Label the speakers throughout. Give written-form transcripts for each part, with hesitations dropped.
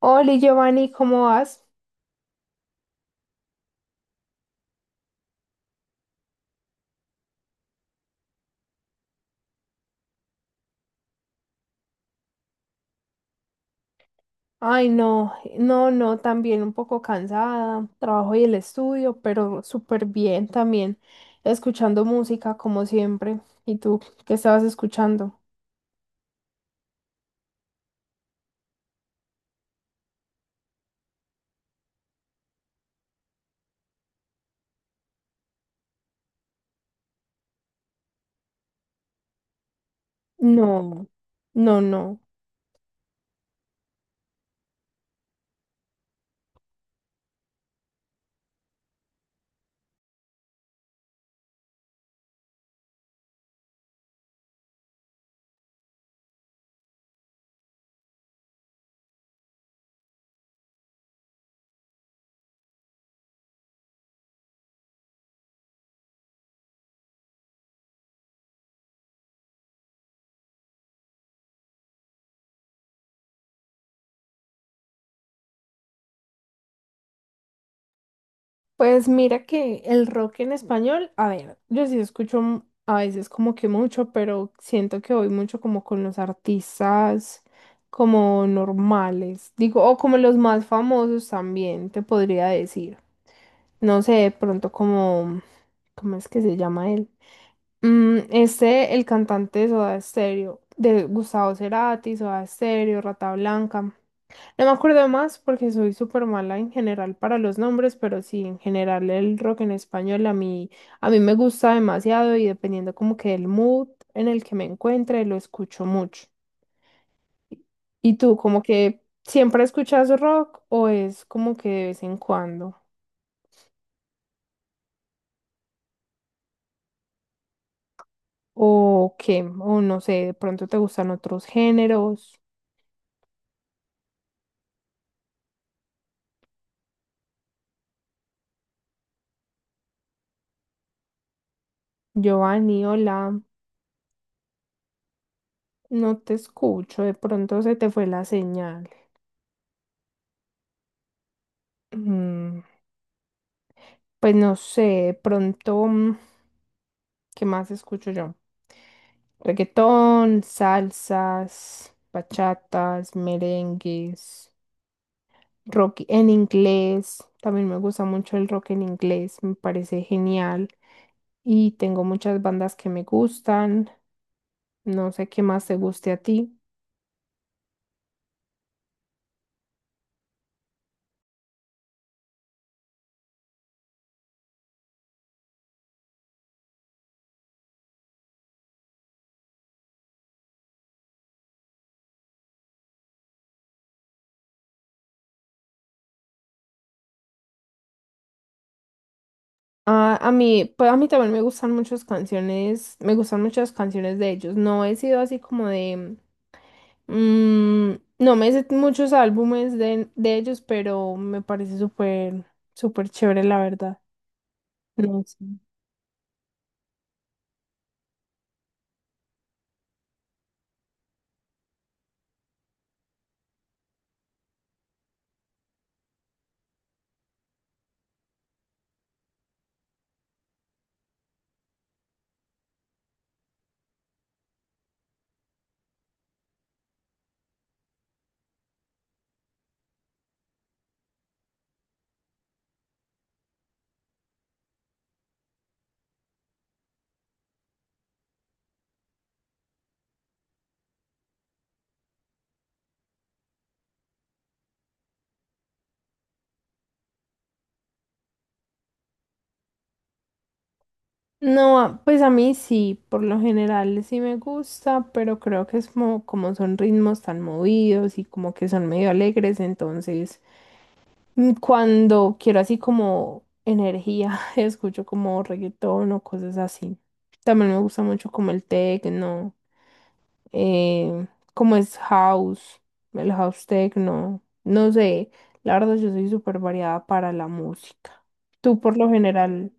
Speaker 1: Hola Giovanni, ¿cómo vas? Ay, no, no, no, también un poco cansada, trabajo y el estudio, pero súper bien también, escuchando música como siempre. ¿Y tú qué estabas escuchando? No, no, no. Pues mira que el rock en español, a ver, yo sí escucho a veces como que mucho, pero siento que voy mucho como con los artistas como normales, digo, o como los más famosos también, te podría decir. No sé, de pronto como, ¿cómo es que se llama él? Este, el cantante de Soda Stereo, de Gustavo Cerati, Soda Stereo, Rata Blanca. No me acuerdo más porque soy súper mala en general para los nombres, pero sí, en general el rock en español a mí me gusta demasiado y dependiendo como que del mood en el que me encuentre, lo escucho mucho. ¿Y tú, como que siempre escuchas rock o es como que de vez en cuando? ¿O qué? O no sé, de pronto te gustan otros géneros. Giovanni, hola, no te escucho, de pronto se te fue la señal. Mm, pues no sé, de pronto, ¿qué más escucho yo? Reggaetón, salsas, bachatas, merengues, rock en inglés. También me gusta mucho el rock en inglés, me parece genial. Y tengo muchas bandas que me gustan. No sé qué más te guste a ti. Ah, a mí, pues a mí también me gustan muchas canciones, me gustan muchas canciones de ellos. No he sido así como de, mm, no me sé muchos álbumes de ellos, pero me parece súper, súper chévere, la verdad. No sé. No, ah, pues a mí sí, por lo general sí me gusta, pero creo que es como, como son ritmos tan movidos y como que son medio alegres, entonces cuando quiero así como energía, escucho como reggaetón o cosas así. También me gusta mucho como el techno, eh, como es house, el house techno. No sé, la verdad yo soy súper variada para la música. Tú por lo general,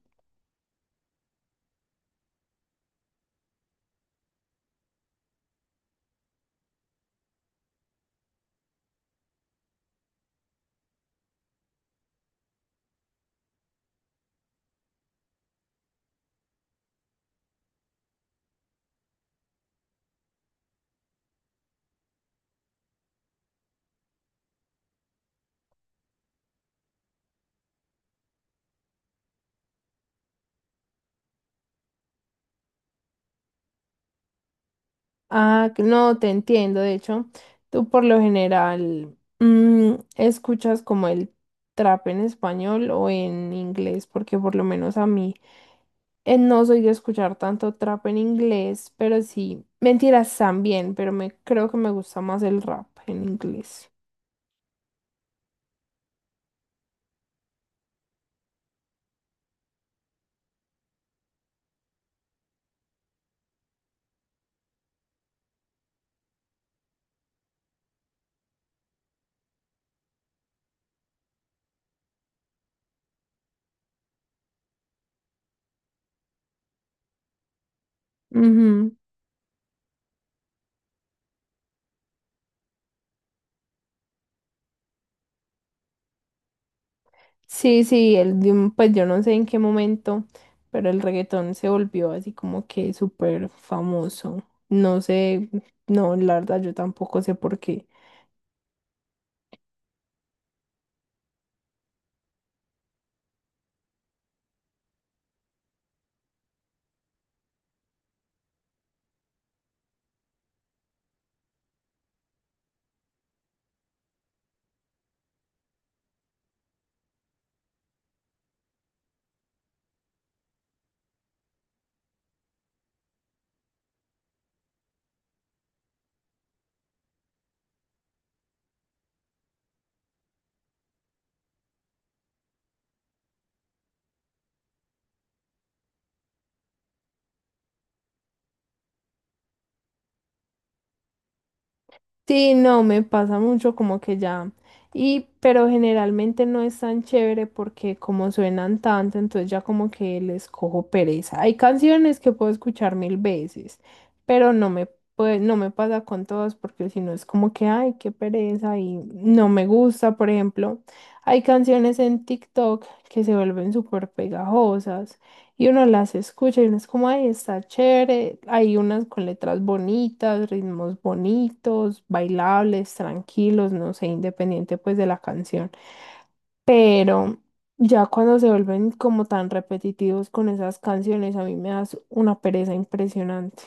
Speaker 1: ah, que no, te entiendo, de hecho, tú por lo general escuchas como el trap en español o en inglés, porque por lo menos a mí... No soy de escuchar tanto trap en inglés, pero sí, mentiras también, pero me creo que me gusta más el rap en inglés. Ujú. Sí, sí, el, pues yo no sé en qué momento, pero el reggaetón se volvió así como que súper famoso. No sé, no, la verdad yo tampoco sé por qué. Sí, no, me pasa mucho como que ya. Y, pero generalmente no es tan chévere porque como suenan tanto, entonces ya como que les cojo pereza. Hay canciones que puedo escuchar mil veces, pero no me, pues, no me pasa con todas porque si no es como que, ay, qué pereza y no me gusta. Por ejemplo, hay canciones en TikTok que se vuelven súper pegajosas. Y uno las escucha y uno es como, ay, está chévere. Hay unas con letras bonitas, ritmos bonitos, bailables, tranquilos, no sé, independiente pues de la canción. Pero ya cuando se vuelven como tan repetitivos con esas canciones, a mí me das una pereza impresionante.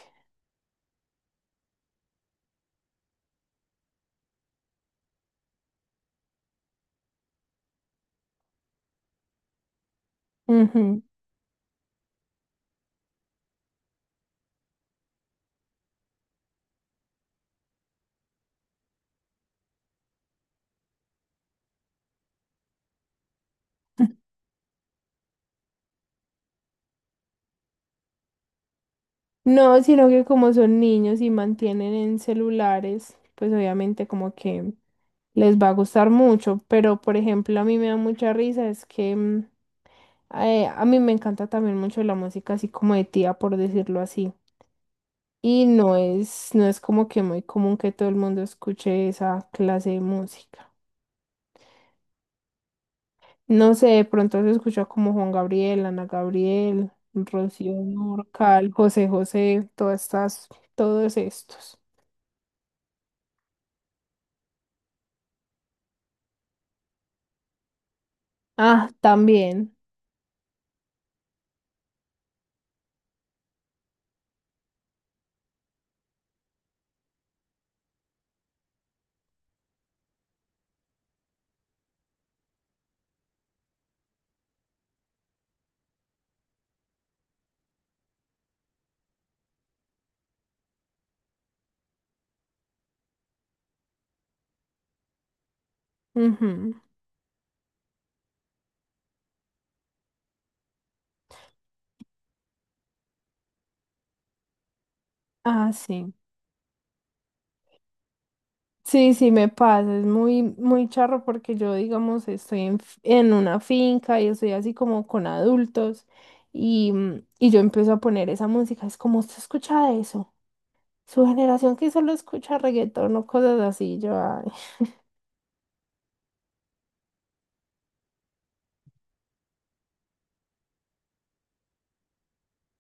Speaker 1: Ujú. No, sino que como son niños y mantienen en celulares, pues obviamente como que les va a gustar mucho. Pero por ejemplo, a mí me da mucha risa es que... a mí me encanta también mucho la música así como de tía, por decirlo así. Y no es, no es como que muy común que todo el mundo escuche esa clase de música. No sé, de pronto se escucha como Juan Gabriel, Ana Gabriel, Rocío Dúrcal, José José, todas estas, todos estos. Ah, también. Ujú. Ah, sí. Sí, sí, me pasa, es muy, muy charro porque yo, digamos, estoy en, en una finca y estoy así como con adultos y, y yo empiezo a poner esa música, es como, ¿usted escucha eso? Su generación que solo escucha reggaetón o cosas así, yo, ay,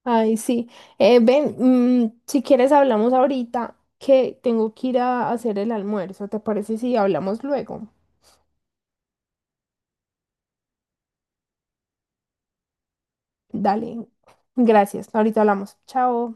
Speaker 1: ay, sí. Ven, si quieres hablamos ahorita que tengo que ir a hacer el almuerzo, ¿te parece si hablamos luego? Dale, gracias, ahorita hablamos, chao.